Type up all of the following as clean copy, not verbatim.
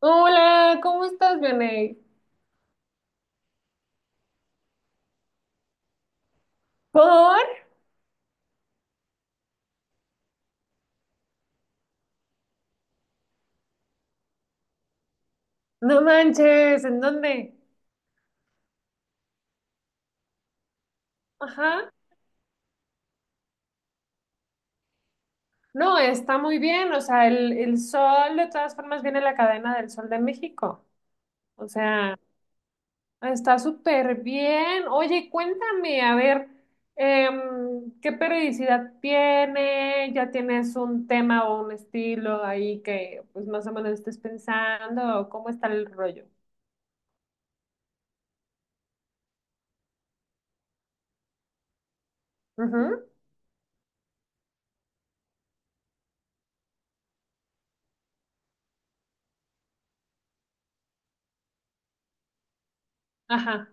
Hola, ¿cómo estás, Vianey? ¿Por? No manches, ¿en dónde? Ajá. No, está muy bien, o sea, el sol de todas formas viene la cadena del Sol de México. O sea, está súper bien. Oye, cuéntame, a ver, ¿qué periodicidad tiene? ¿Ya tienes un tema o un estilo ahí que pues más o menos estés pensando? ¿Cómo está el rollo? Ujú. Ajá.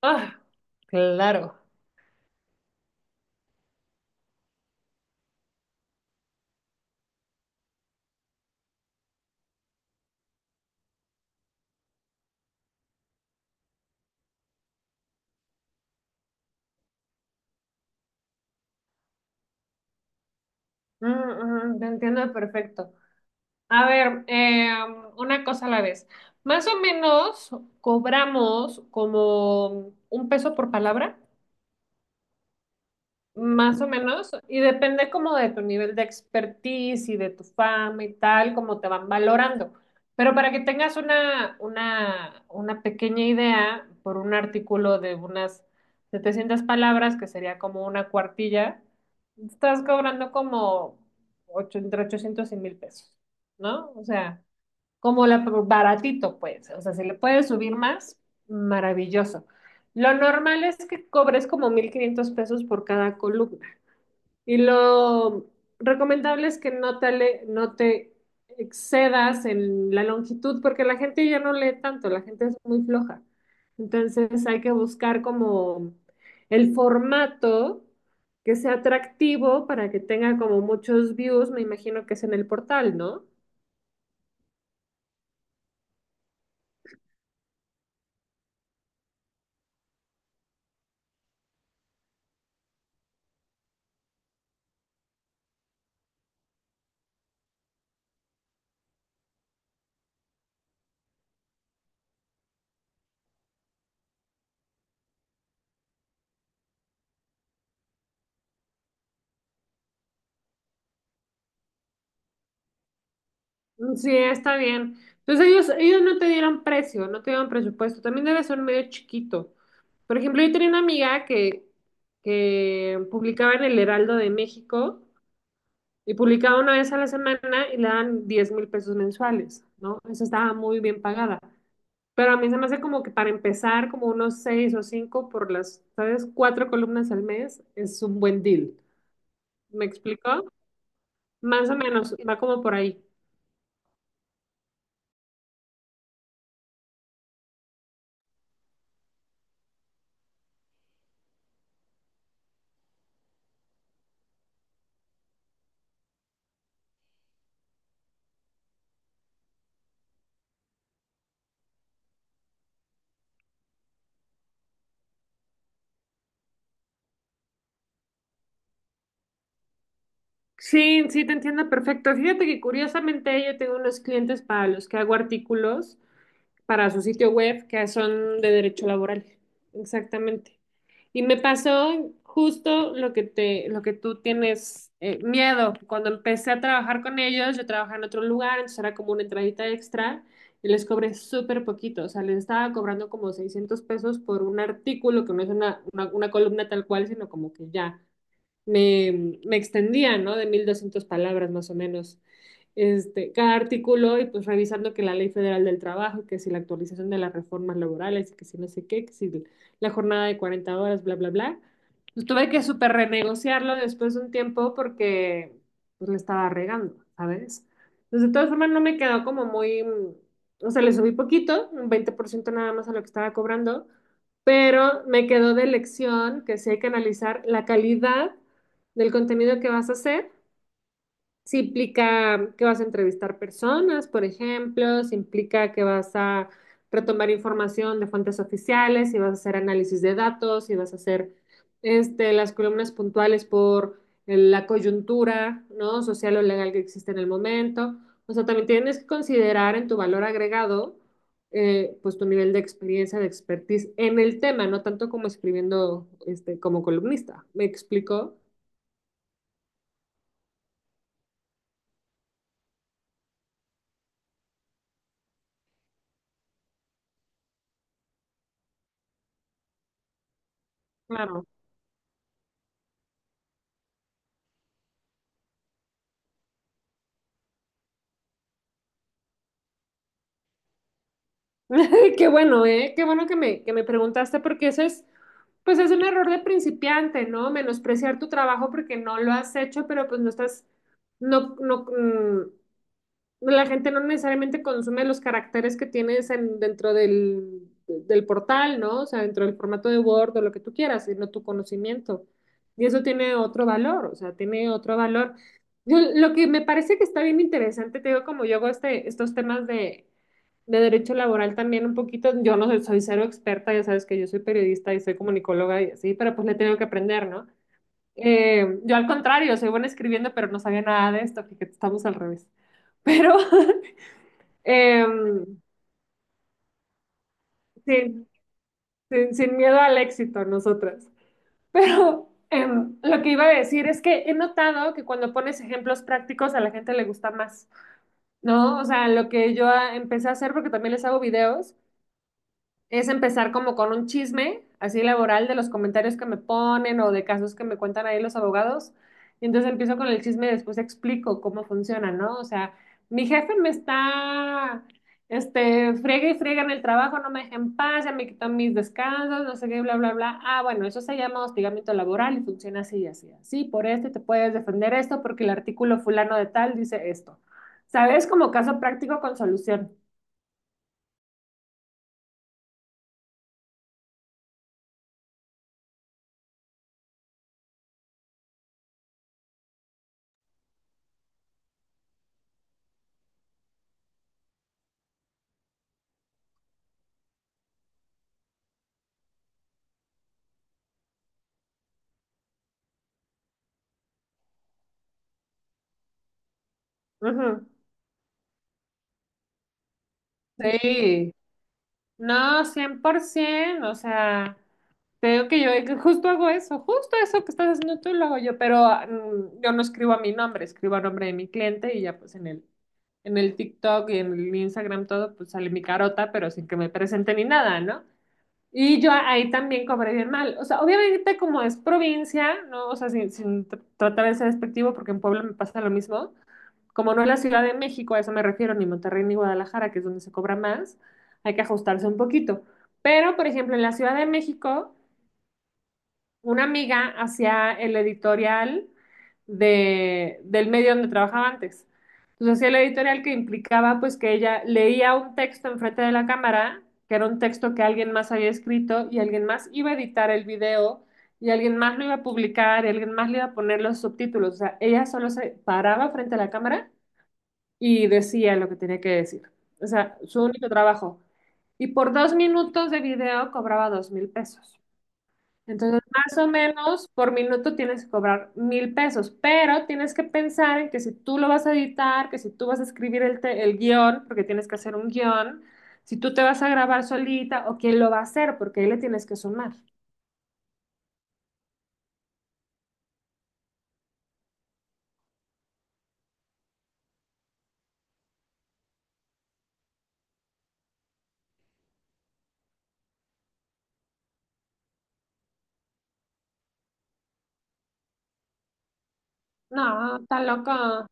Ah, claro. Te entiendo perfecto. A ver, una cosa a la vez. Más o menos cobramos como un peso por palabra. Más o menos, y depende como de tu nivel de expertise y de tu fama y tal, como te van valorando. Pero para que tengas una pequeña idea, por un artículo de unas 700 palabras, que sería como una cuartilla, estás cobrando como entre 800 y 1.000 pesos, ¿no? O sea, como la baratito, pues, o sea, si le puedes subir más, maravilloso. Lo normal es que cobres como 1.500 pesos por cada columna y lo recomendable es que no te excedas en la longitud porque la gente ya no lee tanto, la gente es muy floja. Entonces hay que buscar como el formato que sea atractivo para que tenga como muchos views, me imagino que es en el portal, ¿no? Sí, está bien. Entonces ellos no te dieron precio, no te dieron presupuesto. También debe ser medio chiquito. Por ejemplo, yo tenía una amiga que publicaba en el Heraldo de México y publicaba una vez a la semana y le dan 10.000 pesos mensuales, ¿no? Esa estaba muy bien pagada. Pero a mí se me hace como que para empezar, como unos 6 o 5 por las, ¿sabes? Cuatro columnas al mes es un buen deal. ¿Me explico? Más o menos, va como por ahí. Sí, sí, te entiendo perfecto. Fíjate que curiosamente yo tengo unos clientes para los que hago artículos para su sitio web que son de derecho laboral. Exactamente. Y me pasó justo lo que tú tienes miedo. Cuando empecé a trabajar con ellos, yo trabajaba en otro lugar, entonces era como una entradita extra y les cobré súper poquito. O sea, les estaba cobrando como 600 pesos por un artículo que no es una columna tal cual, sino como que ya me extendía, ¿no? De 1.200 palabras más o menos. Este, cada artículo y pues revisando que la Ley Federal del Trabajo, que si la actualización de las reformas laborales, que si no sé qué, que si la jornada de 40 horas, bla, bla, bla. Pues tuve que súper renegociarlo después de un tiempo porque pues le estaba regando, ¿sabes? Entonces, de todas formas, no me quedó como muy... o sea, le subí poquito, un 20% nada más a lo que estaba cobrando, pero me quedó de lección que sí hay que analizar la calidad del contenido que vas a hacer. Si implica que vas a entrevistar personas, por ejemplo, si implica que vas a retomar información de fuentes oficiales, si vas a hacer análisis de datos, si vas a hacer este, las columnas puntuales por la coyuntura, ¿no? Social o legal que existe en el momento. O sea, también tienes que considerar en tu valor agregado, pues tu nivel de experiencia, de expertise en el tema, no tanto como escribiendo este, como columnista. ¿Me explico? Claro. Qué bueno, ¿eh? Qué bueno que me preguntaste porque eso es, pues es un error de principiante, ¿no? Menospreciar tu trabajo porque no lo has hecho, pero pues no estás, no, no, la gente no necesariamente consume los caracteres que tienes dentro del portal, ¿no? O sea, dentro del formato de Word o lo que tú quieras, sino tu conocimiento. Y eso tiene otro valor, o sea, tiene otro valor. Lo que me parece que está bien interesante, te digo, como yo hago este, estos temas de derecho laboral también un poquito, yo no soy, soy cero experta, ya sabes que yo soy periodista y soy comunicóloga y así, pero pues le tengo que aprender, ¿no? Yo al contrario, soy buena escribiendo, pero no sabía nada de esto, fíjate, estamos al revés. Pero em, sí, sin miedo al éxito nosotras. Pero lo que iba a decir es que he notado que cuando pones ejemplos prácticos a la gente le gusta más, ¿no? O sea, lo que yo empecé a hacer, porque también les hago videos, es empezar como con un chisme así laboral de los comentarios que me ponen o de casos que me cuentan ahí los abogados. Y entonces empiezo con el chisme y después explico cómo funciona, ¿no? O sea, mi jefe me está, este, friega y friega en el trabajo, no me deja en paz, ya me quitó mis descansos, no sé qué, bla, bla, bla. Ah, bueno, eso se llama hostigamiento laboral y funciona así, así, así. Por esto te puedes defender esto porque el artículo fulano de tal dice esto. ¿Sabes? Como caso práctico con solución. Ujú. Sí. No, 100%, o sea, te digo que yo que justo hago eso, justo eso que estás haciendo tú lo hago yo, pero yo no escribo a mi nombre, escribo a nombre de mi cliente y ya pues en el TikTok y en el Instagram todo, pues sale mi carota, pero sin que me presente ni nada, ¿no? Y yo ahí también cobré bien mal, o sea, obviamente como es provincia, ¿no? O sea, sin tratar de ser despectivo, porque en Puebla me pasa lo mismo, como no es la Ciudad de México, a eso me refiero, ni Monterrey ni Guadalajara, que es donde se cobra más, hay que ajustarse un poquito. Pero, por ejemplo, en la Ciudad de México, una amiga hacía el editorial del medio donde trabajaba antes. Entonces hacía el editorial que implicaba pues que ella leía un texto enfrente de la cámara, que era un texto que alguien más había escrito y alguien más iba a editar el video y alguien más lo iba a publicar y alguien más le iba a poner los subtítulos. O sea, ella solo se paraba frente a la cámara y decía lo que tenía que decir. O sea, su único trabajo. Y por 2 minutos de video cobraba 2.000 pesos. Entonces, más o menos por minuto tienes que cobrar 1.000 pesos, pero tienes que pensar en que si tú lo vas a editar, que si tú vas a escribir el guión, porque tienes que hacer un guión, si tú te vas a grabar solita o quién lo va a hacer, porque ahí le tienes que sumar. No, está loco.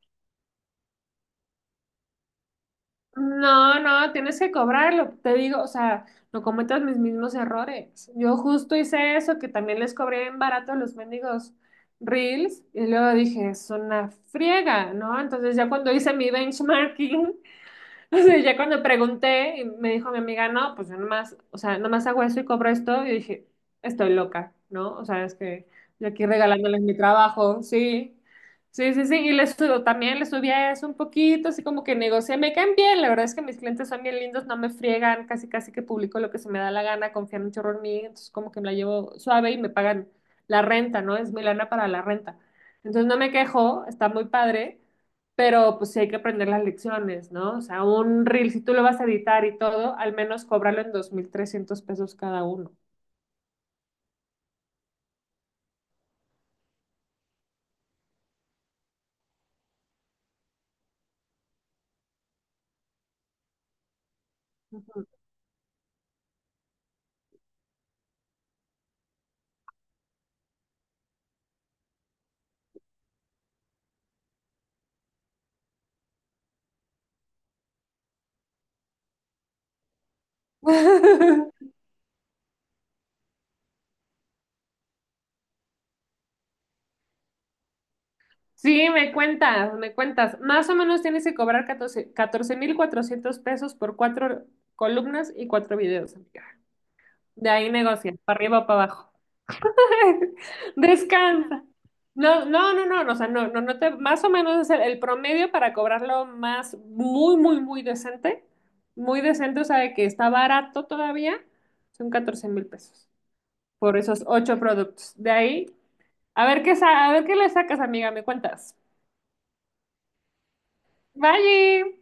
No, no, tienes que cobrarlo, te digo, o sea, no cometas mis mismos errores. Yo justo hice eso, que también les cobré en barato los mendigos Reels, y luego dije, es una friega, ¿no? Entonces ya cuando hice mi benchmarking. O sea, ya cuando pregunté, y me dijo mi amiga, no, pues yo nomás, o sea, nomás hago eso y cobro esto. Y dije, estoy loca, ¿no? O sea, es que yo aquí regalándoles mi trabajo, sí. Sí, sí, sí. Y les subo, también les subí a eso un poquito, así como que negocié. Me caen bien, la verdad es que mis clientes son bien lindos, no me friegan, casi casi que publico lo que se me da la gana, confían un chorro en mí, entonces como que me la llevo suave y me pagan la renta, ¿no? Es mi lana para la renta. Entonces no me quejo, está muy padre, pero pues sí hay que aprender las lecciones, ¿no? O sea, un reel, si tú lo vas a editar y todo, al menos cóbralo en 2.300 pesos cada uno. Sí, me cuentas, me cuentas. Más o menos tienes que cobrar 14.400 pesos por cuatro columnas y cuatro videos, amiga. De ahí negocias, para arriba o para abajo. Descansa. No, no, no, no, no, o sea, no, no, no te, más o menos es el promedio para cobrarlo más, muy, muy, muy decente, o sea, de que está barato todavía, son 14.000 pesos por esos ocho productos. De ahí, a ver qué, a ver qué le sacas, amiga, me cuentas. Bye.